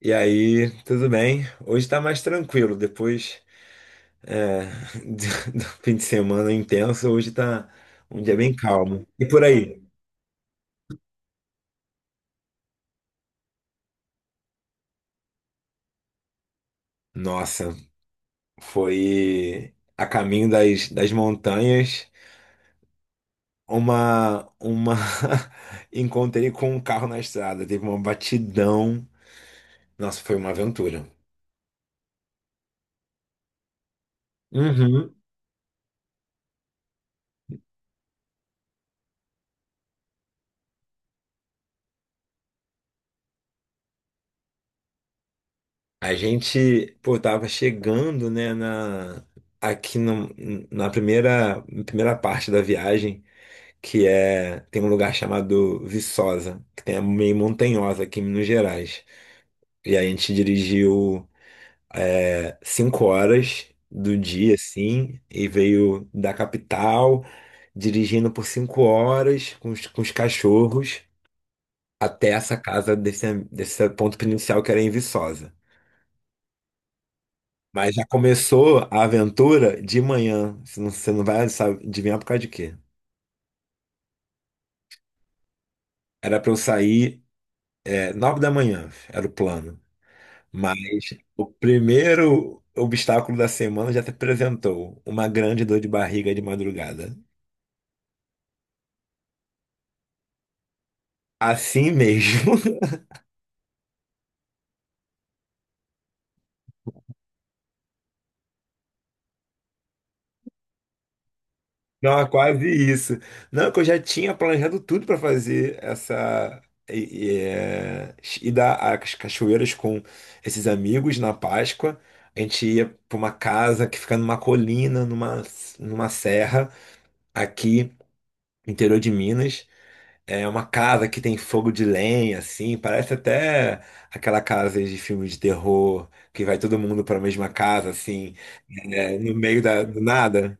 E aí, tudo bem? Hoje tá mais tranquilo, depois é, do fim de semana intenso, hoje tá um dia bem calmo. E por aí? Nossa, foi a caminho das montanhas, uma, uma... Encontrei com um carro na estrada, teve uma batidão. Nossa, foi uma aventura. Uhum. A gente, pô, tava chegando, né, na... Aqui no- na primeira parte da viagem, que tem um lugar chamado Viçosa, que tem é meio montanhosa aqui em Minas Gerais. E aí a gente dirigiu cinco horas do dia, assim, e veio da capital, dirigindo por 5 horas com os cachorros até essa casa desse ponto inicial que era em Viçosa. Mas já começou a aventura de manhã. Você não vai sabe, adivinhar por causa de quê. Era pra eu sair nove da manhã, era o plano. Mas o primeiro obstáculo da semana já se apresentou, uma grande dor de barriga de madrugada. Assim mesmo. Não, é quase isso. Não, que eu já tinha planejado tudo para fazer essa e, e, é, ir dar as cachoeiras com esses amigos na Páscoa. A gente ia para uma casa que fica numa colina, numa serra, aqui, interior de Minas. É uma casa que tem fogo de lenha, assim, parece até aquela casa de filme de terror, que vai todo mundo para a mesma casa, assim, no meio do nada.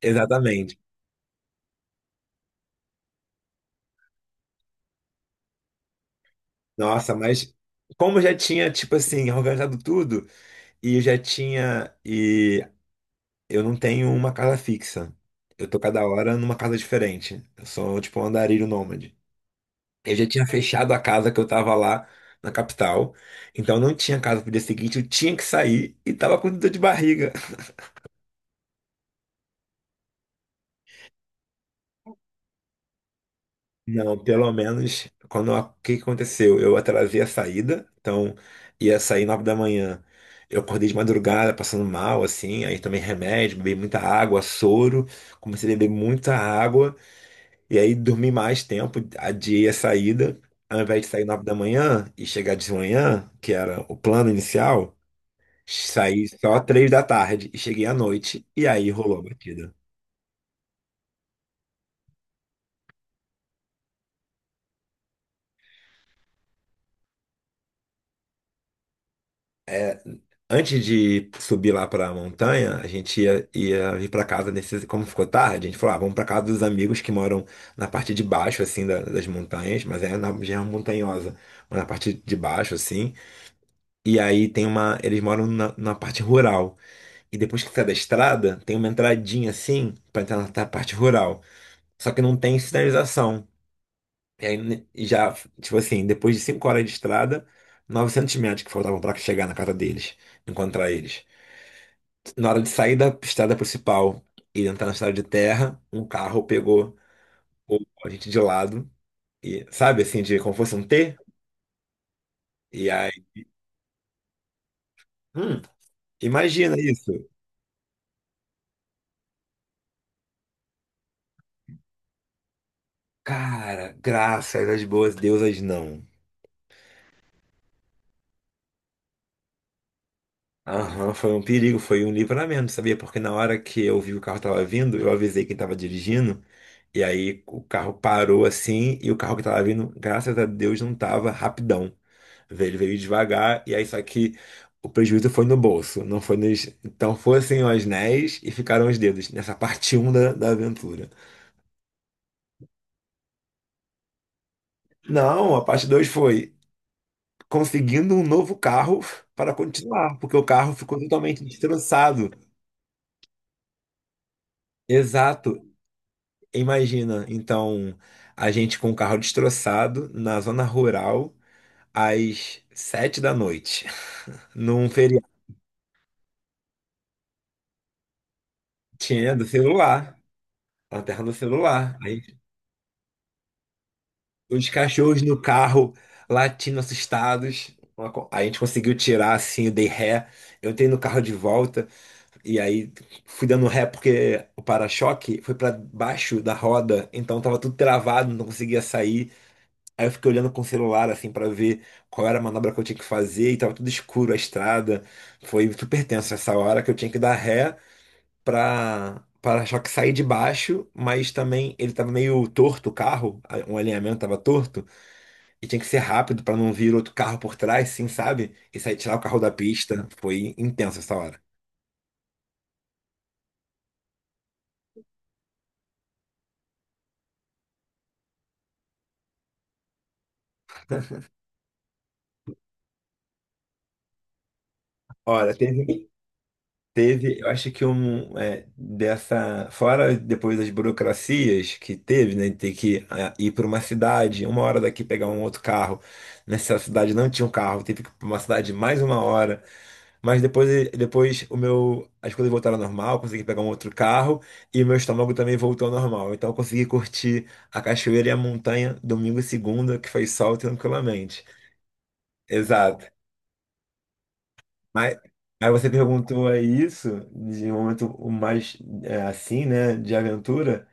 Exatamente. Nossa, mas como eu já tinha, tipo assim, organizado tudo, e eu já tinha, e eu não tenho uma casa fixa. Eu tô cada hora numa casa diferente. Eu sou, tipo, um andarilho nômade. Eu já tinha fechado a casa que eu tava lá na capital, então não tinha casa pro dia seguinte, eu tinha que sair e tava com dor de barriga. Não, pelo menos o que que aconteceu? Eu atrasei a saída, então ia sair 9 da manhã. Eu acordei de madrugada passando mal, assim, aí tomei remédio, bebi muita água, soro, comecei a beber muita água, e aí dormi mais tempo, adiei a saída. Ao invés de sair 9 da manhã e chegar de manhã, que era o plano inicial, saí só 3 da tarde e cheguei à noite, e aí rolou a batida. Antes de subir lá pra montanha, a gente ia ir pra casa nesse. Como ficou tarde, a gente falou: ah, vamos pra casa dos amigos que moram na parte de baixo, assim, das montanhas, mas é na região montanhosa, mas na parte de baixo, assim. E aí tem uma. Eles moram na parte rural. E depois que sai da estrada, tem uma entradinha, assim, pra entrar na parte rural. Só que não tem sinalização. E aí né, já, tipo assim, depois de 5 horas de estrada, 900 metros que faltavam para chegar na casa deles, encontrar eles. Na hora de sair da estrada principal e entrar na estrada de terra, um carro pegou o- a gente de lado, e sabe assim, de como fosse um T? E aí, hum, imagina isso. Cara, graças às boas deusas, não. Aham, foi um perigo, foi um livramento, sabia? Porque na hora que eu vi o carro tava vindo, eu avisei quem tava dirigindo, e aí o carro parou assim, e o carro que tava vindo, graças a Deus, não tava rapidão. Ele veio devagar, e aí só que o prejuízo foi no bolso, não foi nos. Então foram assim os anéis e ficaram os dedos, nessa parte um da aventura. Não, a parte 2 foi conseguindo um novo carro para continuar, porque o carro ficou totalmente destroçado. Exato. Imagina, então, a gente com o carro destroçado na zona rural às 7 da noite, num feriado. Tinha do celular, na terra do celular. Aí, os cachorros no carro latindo, assustados. A gente conseguiu tirar assim, eu dei ré. Eu entrei no carro de volta e aí fui dando ré porque o para-choque foi para baixo da roda, então tava tudo travado, não conseguia sair. Aí eu fiquei olhando com o celular, assim, pra ver qual era a manobra que eu tinha que fazer, e tava tudo escuro, a estrada. Foi super tenso essa hora que eu tinha que dar ré pra para-choque sair de baixo, mas também ele tava meio torto o carro, um alinhamento tava torto, e tinha que ser rápido pra não vir outro carro por trás, assim, sabe? E sair tirar o carro da pista. Foi intenso essa hora. Olha, teve. Teve, eu acho que um dessa, fora depois das burocracias que teve, né? De ter que ir para uma cidade, uma hora daqui pegar um outro carro. Nessa cidade não tinha um carro, teve que ir para uma cidade mais uma hora. Mas depois, as coisas voltaram ao normal, consegui pegar um outro carro e o meu estômago também voltou ao normal. Então eu consegui curtir a cachoeira e a montanha domingo e segunda, que foi sol tranquilamente. Exato. Mas, aí você perguntou aí isso, de um momento mais assim, né, de aventura.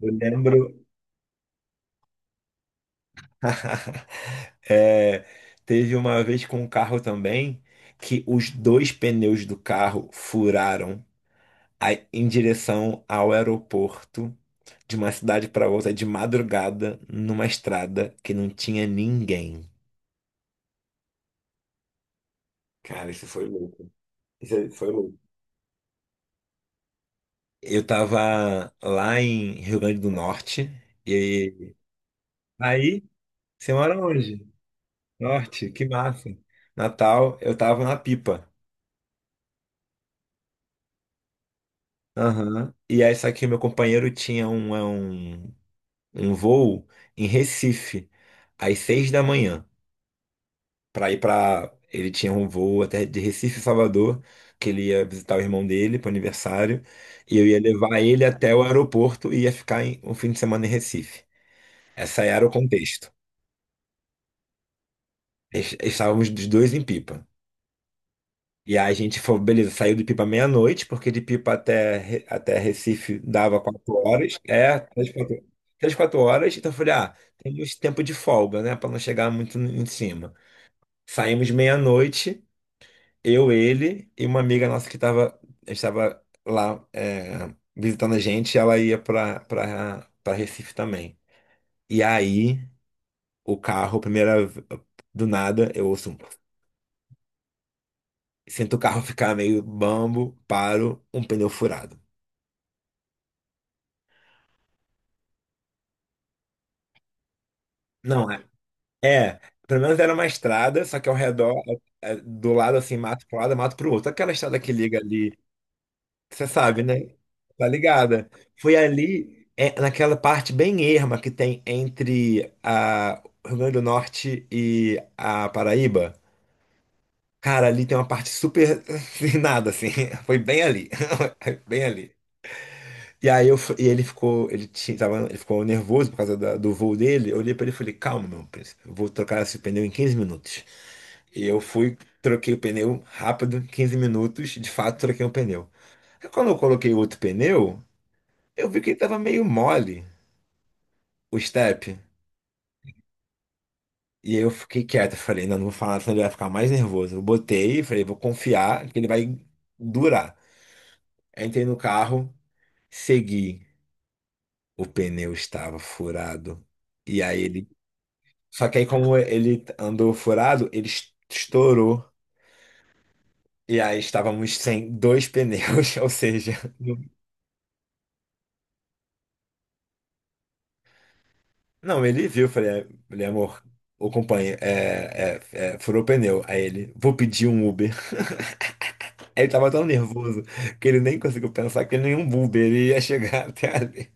Eu lembro, é, teve uma vez com um carro também, que os dois pneus do carro furaram aí em direção ao aeroporto, de uma cidade para outra, de madrugada, numa estrada que não tinha ninguém. Cara, isso foi louco. Isso aí foi louco. Eu tava lá em Rio Grande do Norte, e aí. Você mora onde? Norte, que massa. Natal, eu tava na Pipa. Aham. E aí, só que meu companheiro tinha um voo em Recife, às 6 da manhã, pra ir pra. Ele tinha um voo até de Recife, a Salvador, que ele ia visitar o irmão dele pro aniversário, e eu ia levar ele até o aeroporto e ia ficar em, um fim de semana em Recife. Essa era o contexto. Estávamos os dois em Pipa. E aí a gente foi, beleza, saiu de Pipa meia-noite, porque de Pipa até Recife dava 4 horas. É, três, quatro, três, quatro horas. Então eu falei, ah, temos tempo de folga, né? Pra não chegar muito em cima. Saímos meia-noite, eu, ele e uma amiga nossa que estava lá visitando a gente, ela ia pra Recife também. E aí, o carro, primeira, do nada, eu ouço, sinto o carro ficar meio bambo, paro, um pneu furado. Não, é. É, pelo menos era uma estrada, só que ao redor, do lado assim, mato para um lado, mato para o outro. Aquela estrada que liga ali, você sabe, né? Tá ligada. Foi ali, naquela parte bem erma que tem entre a o Rio Grande do Norte e a Paraíba. Cara, ali tem uma parte super sem nada, assim. Foi bem ali. Bem ali. E aí eu, fu- e ele ficou, ele tinha, tava, ele ficou nervoso por causa do voo dele. Eu olhei pra ele e falei, calma, meu príncipe, eu vou trocar esse pneu em 15 minutos. E eu troquei o pneu rápido, 15 minutos, de fato troquei o pneu. Aí quando eu coloquei outro pneu, eu vi que ele tava meio mole, o step. E aí eu fiquei quieto, falei, não, não vou falar nada, senão ele vai ficar mais nervoso. Eu falei, vou confiar que ele vai durar. Aí entrei no carro, segui. O pneu estava furado. E aí ele. Só que aí, como ele andou furado, ele estourou. E aí estávamos sem dois pneus, ou seja. Não, ele viu, eu falei, "É, falei, amor, o companheiro furou o pneu. Aí ele, vou pedir um Uber. ele tava tão nervoso que ele nem conseguiu pensar que nenhum Uber ele ia chegar até ali.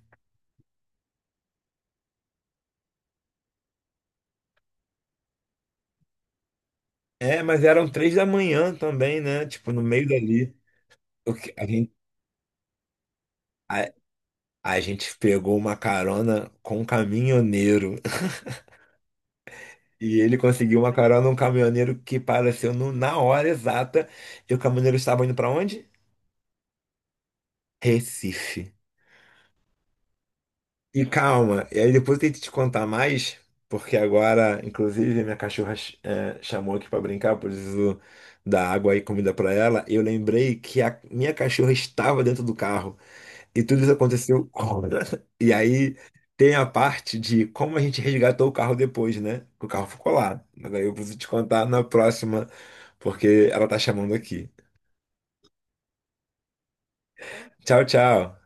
É, mas eram 3 da manhã também, né? Tipo, no meio dali. A gente, a, a gente pegou uma carona com um caminhoneiro. E ele conseguiu uma carona, um caminhoneiro que apareceu na hora exata. E o caminhoneiro estava indo para onde? Recife. E calma, e aí depois eu tento te contar mais, porque agora, inclusive, minha cachorra chamou aqui pra brincar, eu preciso dar água e comida pra ela. Eu lembrei que a minha cachorra estava dentro do carro e tudo isso aconteceu. E aí tem a parte de como a gente resgatou o carro depois, né? Que o carro ficou lá. Mas aí eu preciso te contar na próxima, porque ela tá chamando aqui. Tchau, tchau.